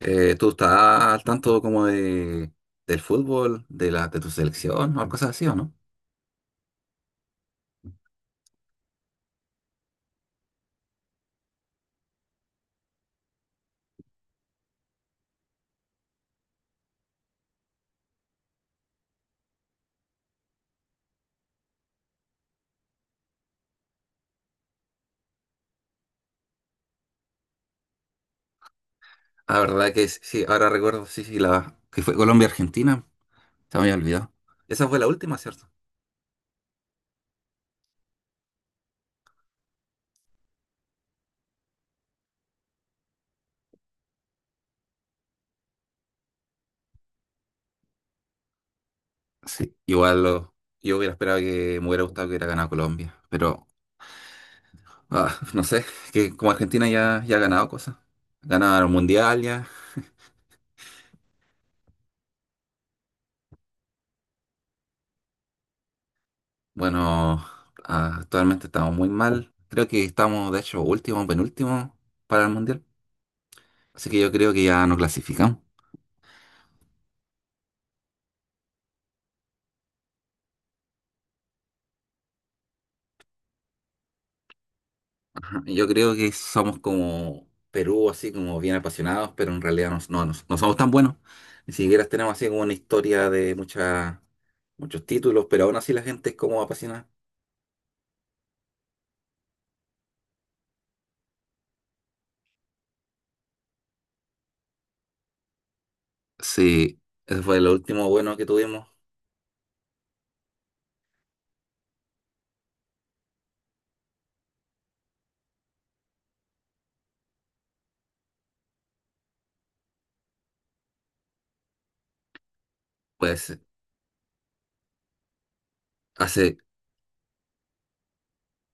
¿Tú estás al tanto como de, del fútbol, de la, de tu selección o cosas así o no? La verdad que sí, sí, ahora recuerdo, sí, sí, la, que fue Colombia-Argentina, se me había olvidado. Esa fue la última, ¿cierto? Sí, igual yo hubiera esperado que me hubiera gustado que hubiera ganado Colombia, pero ah, no sé, que como Argentina ya ha ganado cosas. Ganaron Mundial ya. Bueno, actualmente estamos muy mal. Creo que estamos, de hecho, último, penúltimo para el Mundial. Así que yo creo que ya no clasificamos. Ajá, yo creo que somos como Perú, así como bien apasionados, pero en realidad no, no, no somos tan buenos. Ni siquiera tenemos así como una historia de muchos títulos, pero aún así la gente es como apasionada. Sí, ese fue lo último bueno que tuvimos, pues hace,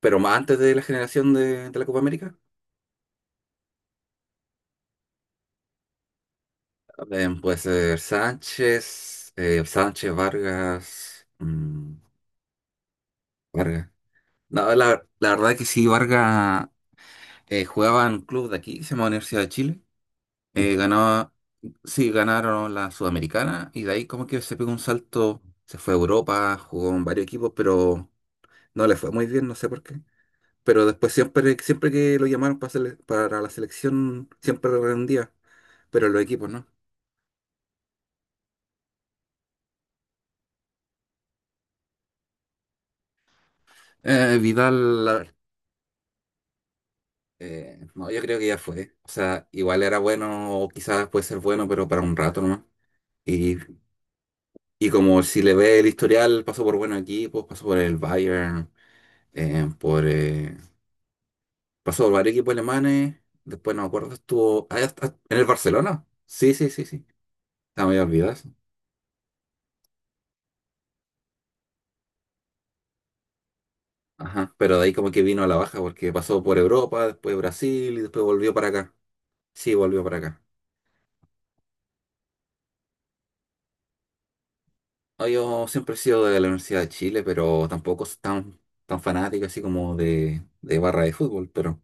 pero más antes de la generación de la Copa América. También puede ser Sánchez, Sánchez Vargas, Vargas. No, la verdad que sí, Vargas jugaba en un club de aquí, que se llama Universidad de Chile. Ganaba, sí, ganaron la Sudamericana y de ahí como que se pegó un salto, se fue a Europa, jugó en varios equipos, pero no le fue muy bien, no sé por qué. Pero después siempre, siempre que lo llamaron para, para la selección, siempre rendía, pero los equipos no. Vidal, la, no, yo creo que ya fue. O sea, igual era bueno, o quizás puede ser bueno, pero para un rato nomás. Y, y como si le ve el historial, pasó por buenos equipos, pasó por el Bayern, eh, por, eh, pasó por varios equipos alemanes. Después no me acuerdo, estuvo ah, en el Barcelona. Sí, sí, sí, sí. Ah, me había olvidado eso. Ajá. Pero de ahí como que vino a la baja, porque pasó por Europa, después Brasil y después volvió para acá. Sí, volvió para acá. No, yo siempre he sido de la Universidad de Chile, pero tampoco es tan, tan fanático así como de barra de fútbol. Pero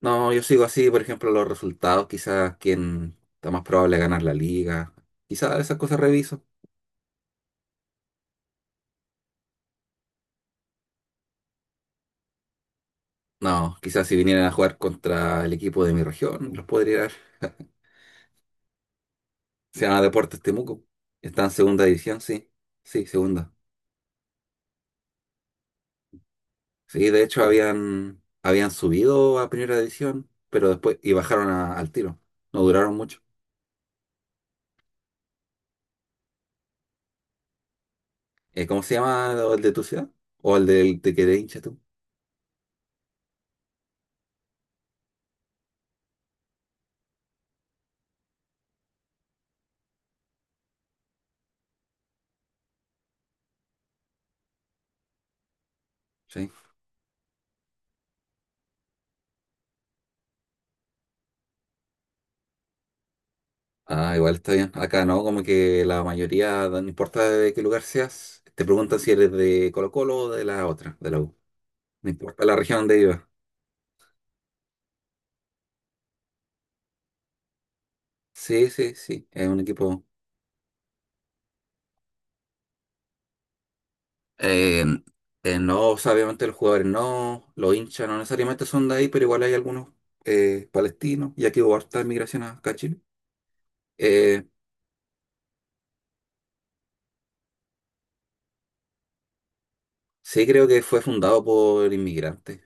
no, yo sigo así, por ejemplo, los resultados, quizás quién está más probable de ganar la liga. Quizás esas cosas reviso. No, quizás si vinieran a jugar contra el equipo de mi región, los podría dar. Se llama Deportes Temuco. Está en segunda división, sí. Sí, segunda. Sí, de hecho habían subido a primera división, pero después y bajaron al tiro. No duraron mucho. ¿Cómo se llama el de tu ciudad? ¿O el del de que eres hincha tú? Sí. Ah, igual está bien. Acá no, como que la mayoría, no importa de qué lugar seas, te preguntan si eres de Colo-Colo o de la otra, de la U. No importa la región donde vivas. Sí, sí, sí, es un equipo. Eh, no, o sea, obviamente los jugadores no, los hinchas no necesariamente son de ahí, pero igual hay algunos palestinos, ya que hubo harta migración acá a Chile. Eh, sí, creo que fue fundado por inmigrantes.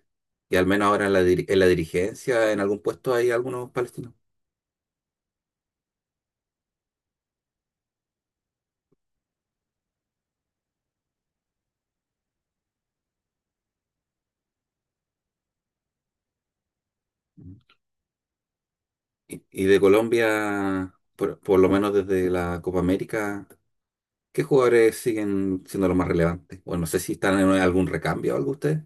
Y al menos ahora en la, en la dirigencia, en algún puesto hay algunos palestinos. Ujú. Y de Colombia, por lo menos desde la Copa América, ¿qué jugadores siguen siendo los más relevantes? Bueno, no sé si están en algún recambio o algo ustedes.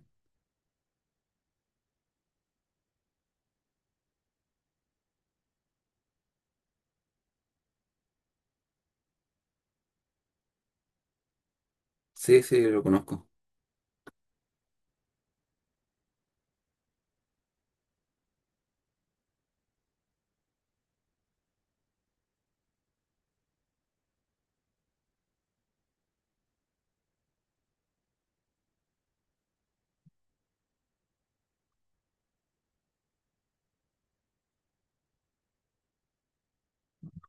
Sí, sí, lo conozco.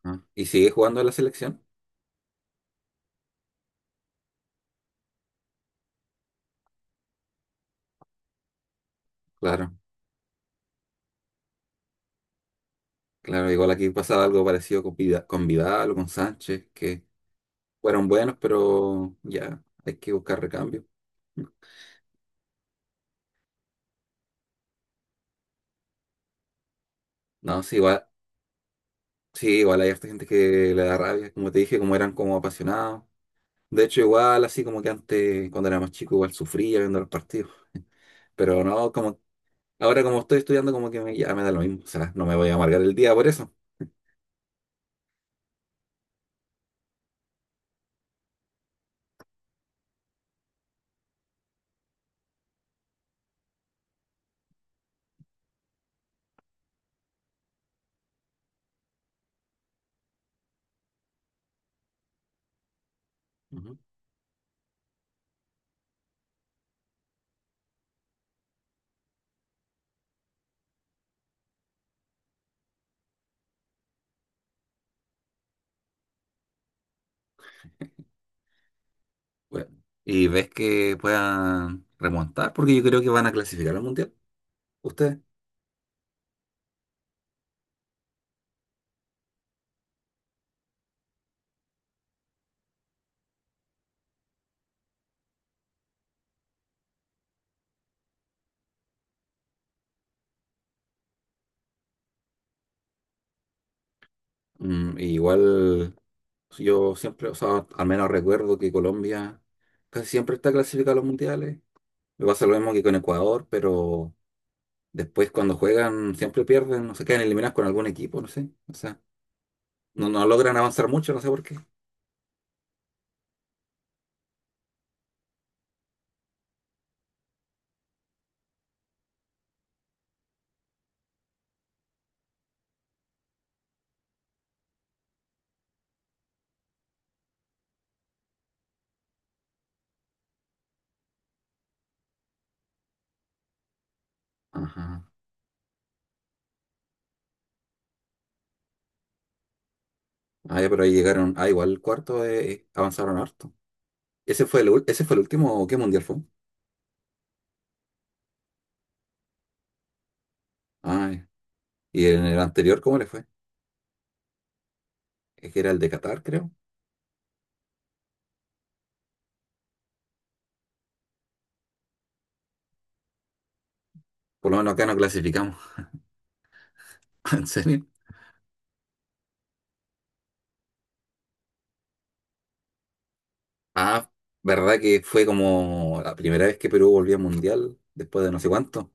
Ah. ¿Y sigue jugando en la selección? Claro, claro. Igual aquí pasaba algo parecido con, con Vidal o con Sánchez, que fueron buenos, pero ya hay que buscar recambio. No, sí, igual hay harta gente que le da rabia, como te dije, como eran como apasionados. De hecho, igual, así como que antes, cuando era más chico, igual sufría viendo los partidos. Pero no, como ahora como estoy estudiando, como que me, ya me da lo mismo. O sea, no me voy a amargar el día por eso. Ujú. Bueno, y ves que puedan remontar, porque yo creo que van a clasificar al mundial. Ustedes. Igual yo siempre, o sea, al menos recuerdo que Colombia casi siempre está clasificada a los mundiales. Me pasa lo mismo que con Ecuador, pero después cuando juegan siempre pierden, no se quedan eliminados con algún equipo, no sé. O sea, no, no logran avanzar mucho, no sé por qué. Ajá. Ah, ya, pero ahí llegaron, ah, igual el cuarto avanzaron harto. ¿Ese fue el, ese fue el último, qué mundial fue? Ah, ya. ¿Y en el anterior cómo le fue? Es que era el de Qatar, creo. Por lo menos acá no clasificamos. ¿En serio? Ah, ¿verdad que fue como la primera vez que Perú volvió al Mundial después de no sé cuánto?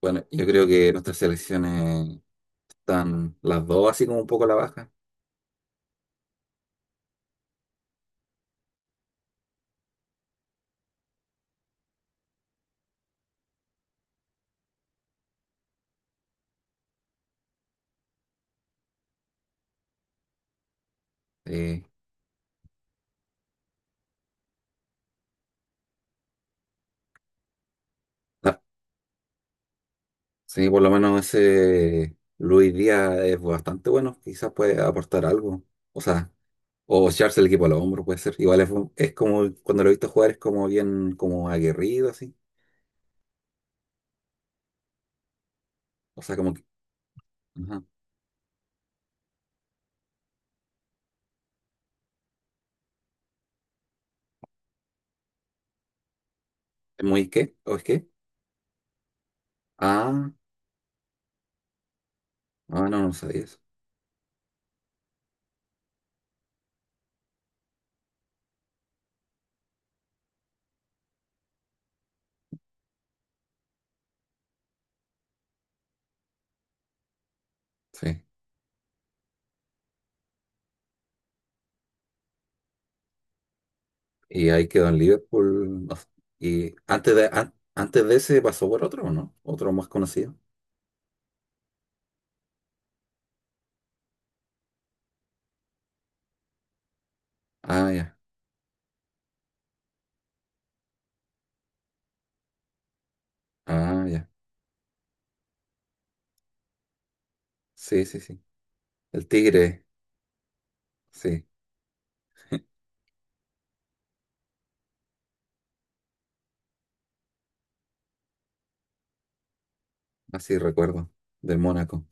Bueno, yo creo que nuestras selecciones están las dos así como un poco a la baja. Eh, ah, sí, por lo menos ese Luis Díaz es bastante bueno, quizás puede aportar algo. O sea, o echarse el equipo al hombro puede ser. Igual es como, cuando lo he visto jugar es como bien como aguerrido así. O sea, como que... ajá. ¿Es muy qué? ¿O es qué? Ah, ah, no, no sabía eso. Sí. Y ahí quedó en Liverpool, no sé. Y antes de, antes de ese pasó por otro, ¿o no? Otro más conocido. Ah, ya. Ah, ya. Sí, sí, sí. El Tigre, sí. Así recuerdo. Del Mónaco.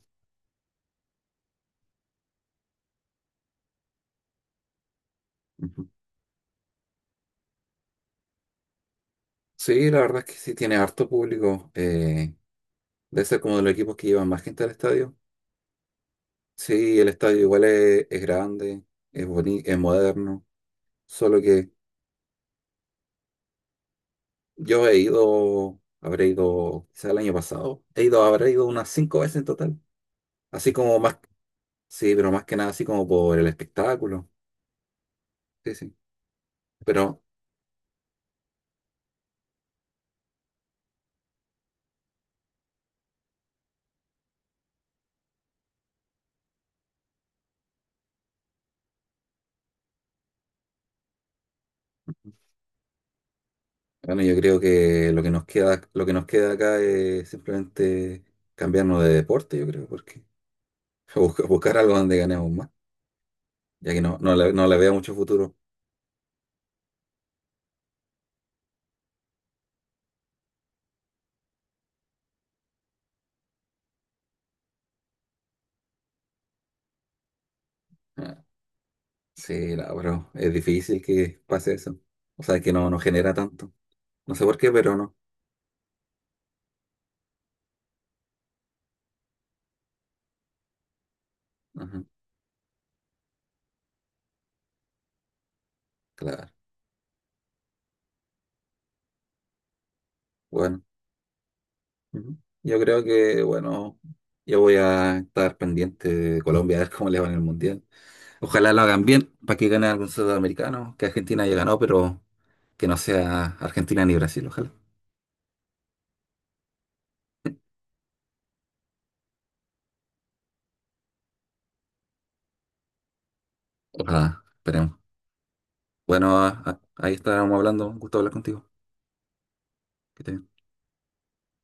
Ujú. Sí, la verdad es que sí tiene harto público. Debe ser como de los equipos que llevan más gente al estadio. Sí, el estadio igual es grande, es bonito, es moderno. Solo que yo he ido, habré ido, quizá el año pasado, he ido, habré ido unas 5 veces en total. Así como más sí, pero más que nada así como por el espectáculo. Sí, sí. Pero bueno, yo creo que lo que nos queda, lo que nos queda acá es simplemente cambiarnos de deporte, yo creo, porque buscar algo donde ganemos más, ya que no, no le, no le veo mucho futuro. Ah, sí, la, pero es difícil que pase eso. O sea, que no, no genera tanto. No sé por qué, pero no. Ajá, claro. Bueno, ujú. Yo creo que, bueno, yo voy a estar pendiente de Colombia a ver cómo le va en el Mundial. Ojalá lo hagan bien para que gane algún sudamericano, que Argentina ya ganó, pero que no sea Argentina ni Brasil, ojalá. Ojalá, esperemos. Bueno, ahí estábamos hablando. Un gusto hablar contigo. Que te